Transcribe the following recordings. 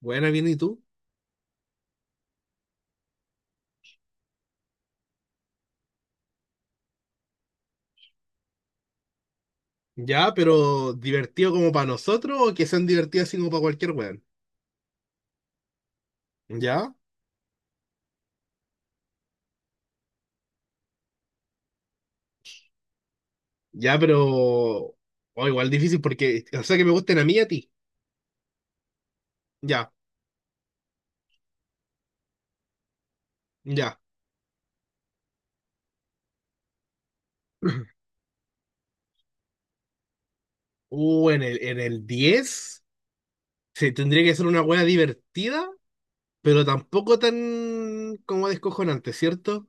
Buena, bien, ¿y tú? Ya, pero divertido como para nosotros o que sean divertidas así como para cualquier weón. Ya, ya, pero. O igual difícil porque. O sea, que me gusten a mí y a ti. Ya, ya. En el 10 se tendría que ser una wea divertida, pero tampoco tan como descojonante, ¿cierto?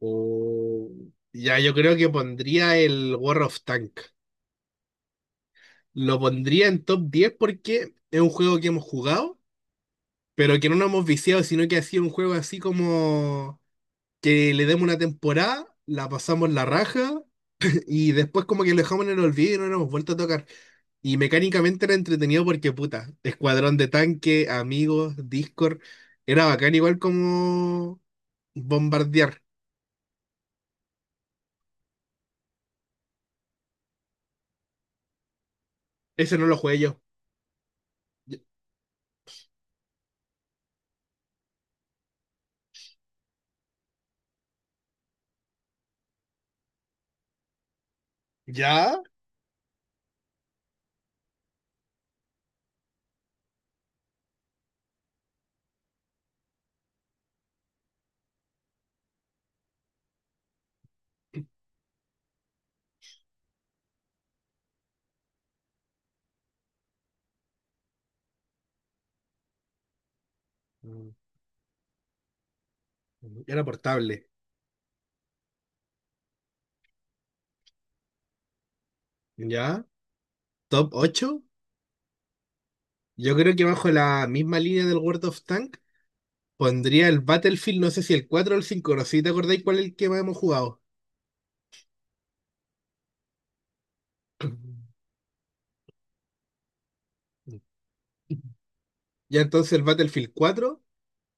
O ya, yo creo que pondría el War of Tank. Lo pondría en top 10 porque es un juego que hemos jugado, pero que no nos hemos viciado, sino que ha sido un juego así como que le demos una temporada, la pasamos la raja y después como que lo dejamos en el olvido y no nos hemos vuelto a tocar. Y mecánicamente era entretenido porque puta, escuadrón de tanque, amigos, Discord, era bacán igual como bombardear. Ese no lo jugué yo. Y- ¿Ya? Mm. Era portable. ¿Ya? ¿Top ocho? Yo creo que bajo la misma línea del World of Tank pondría el Battlefield, no sé si el 4 o el cinco, no sé si te acordáis cuál es el que más hemos jugado. Ya, entonces el Battlefield cuatro,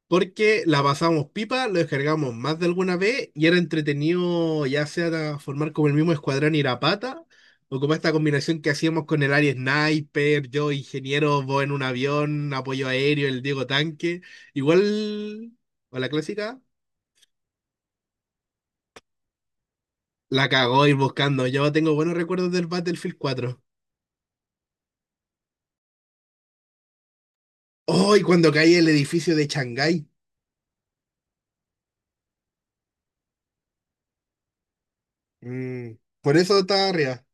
porque la pasamos pipa, lo descargamos más de alguna vez y era entretenido ya sea de formar como el mismo escuadrón ir a pata, o como esta combinación que hacíamos con el Ari Sniper, yo ingeniero, vos en un avión, apoyo aéreo, el Diego tanque. Igual, o la clásica, la cagó ir buscando. Yo tengo buenos recuerdos del Battlefield cuatro. Oh, y cuando cae el edificio de Shanghái. Mm, por eso está arriba.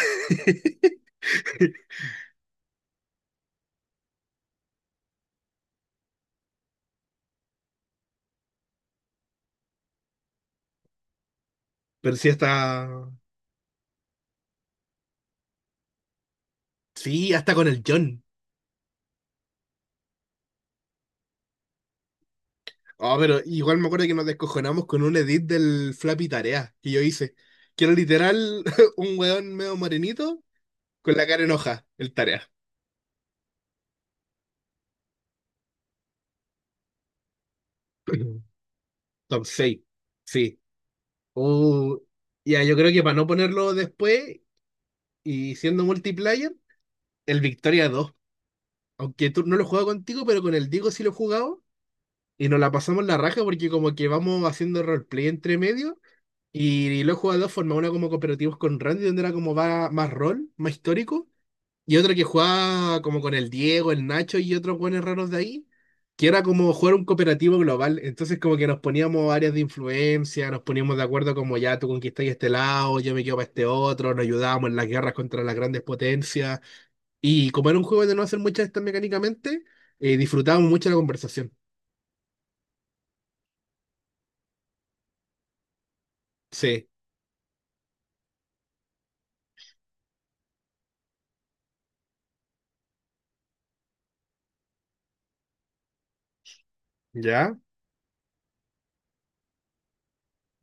Pero sí está. Sí, hasta con el John. Oh, pero igual me acuerdo que nos descojonamos con un edit del Flappy Tarea que yo hice. Que era literal un weón medio morenito con la cara en hoja, el tarea. Top seis. Sí. Oh, ya, yo creo que para no ponerlo después y siendo multiplayer, el Victoria dos. Aunque tú no lo he jugado contigo, pero con el Diego sí lo he jugado, y nos la pasamos la raja porque como que vamos haciendo roleplay entre medio y lo he jugado de dos formas, una como cooperativos con Randy, donde era como va más rol, más histórico, y otro que jugaba como con el Diego, el Nacho y otros buenos raros de ahí, que era como jugar un cooperativo global. Entonces, como que nos poníamos áreas de influencia, nos poníamos de acuerdo como ya tú conquistas este lado, yo me quedo para este otro, nos ayudábamos en las guerras contra las grandes potencias, y como era un juego de no hacer muchas estas mecánicamente, disfrutábamos mucho la conversación. Sí. ¿Ya?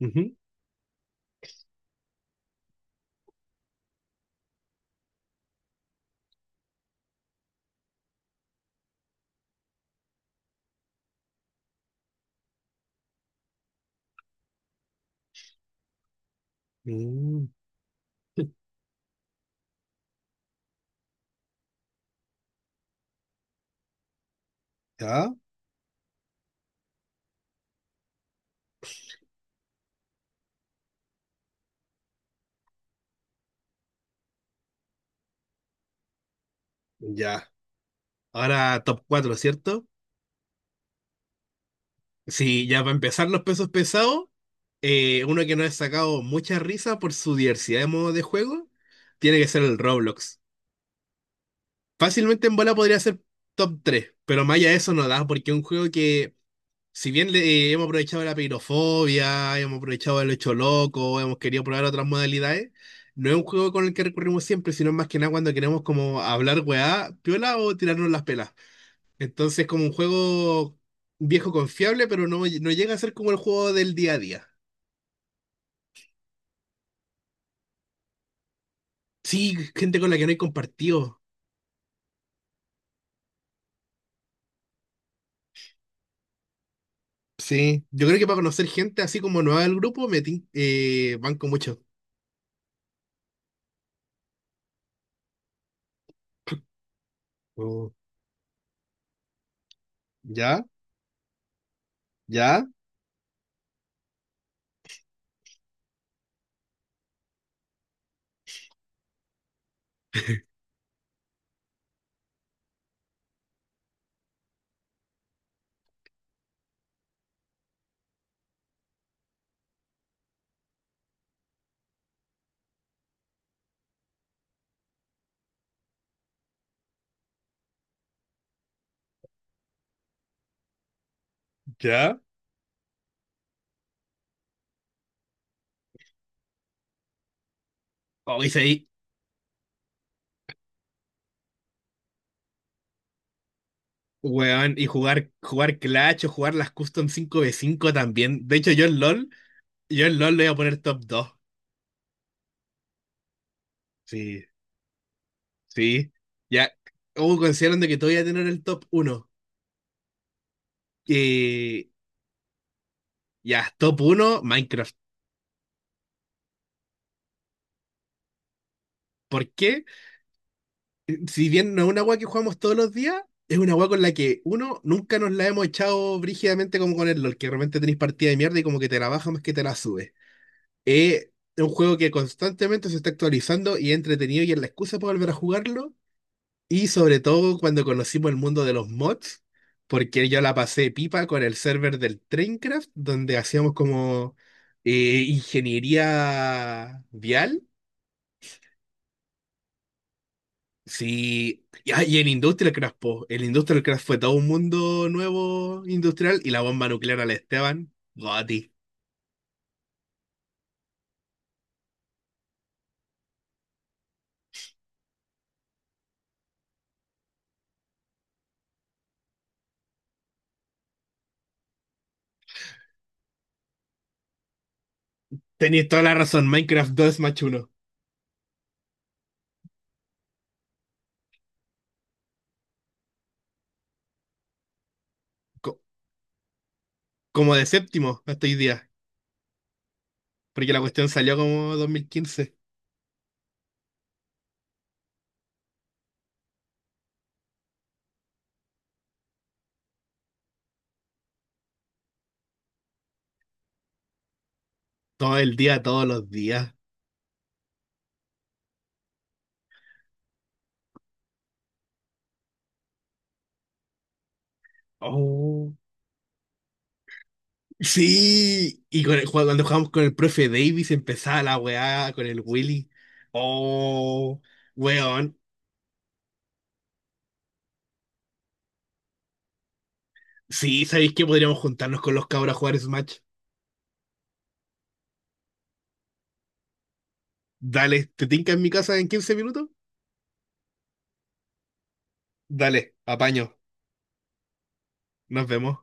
Ujú. Mm. Ya, ya. Ahora top cuatro, ¿cierto? Sí, ya para empezar los pesos pesados, uno que nos ha sacado mucha risa por su diversidad de modos de juego, tiene que ser el Roblox. Fácilmente en bola podría ser top tres, pero más allá de eso no da, porque es un juego que, si bien le, hemos aprovechado la pirofobia, hemos aprovechado el hecho loco, hemos querido probar otras modalidades, no es un juego con el que recurrimos siempre, sino más que nada cuando queremos como hablar weá, piola o tirarnos las pelas. Entonces, es como un juego viejo confiable, pero no, no llega a ser como el juego del día a día. Sí, gente con la que no he compartido. Sí, yo creo que para conocer gente así como nueva del grupo, banco mucho. Oh. ¿Ya? ¿Ya? ¿Ya? Oh, y sí, weón, y jugar Clash o jugar las Custom 5v5 también. De hecho, yo en LOL le voy a poner top dos. Sí, sí. Ya, o considerando que todavía tener el top uno. Eh, ya, top uno Minecraft. ¿Por qué? Si bien no es una agua que jugamos todos los días, es una agua con la que uno nunca nos la hemos echado brígidamente como con el LOL, que realmente tenéis partida de mierda y como que te la baja más que te la sube. Eh, es un juego que constantemente se está actualizando y es entretenido y es la excusa para volver a jugarlo. Y sobre todo cuando conocimos el mundo de los mods, porque yo la pasé pipa con el server del Traincraft, donde hacíamos como ingeniería vial. Sí, y en Industrial Craft, po. El Industrial Craft fue todo un mundo nuevo industrial y la bomba nuclear al Esteban, Goti. Tenéis toda la razón, Minecraft 2 es más uno. Co- Como de séptimo hasta hoy día, porque la cuestión salió como 2015. Todo el día, todos los días. Oh. Sí, y cuando jugamos con el profe Davis empezaba la weá con el Willy. Oh, weón. Sí, ¿sabéis que podríamos juntarnos con los cabros a jugar Smash? Dale, ¿te tinca en mi casa en 15 minutos? Dale, apaño. Nos vemos.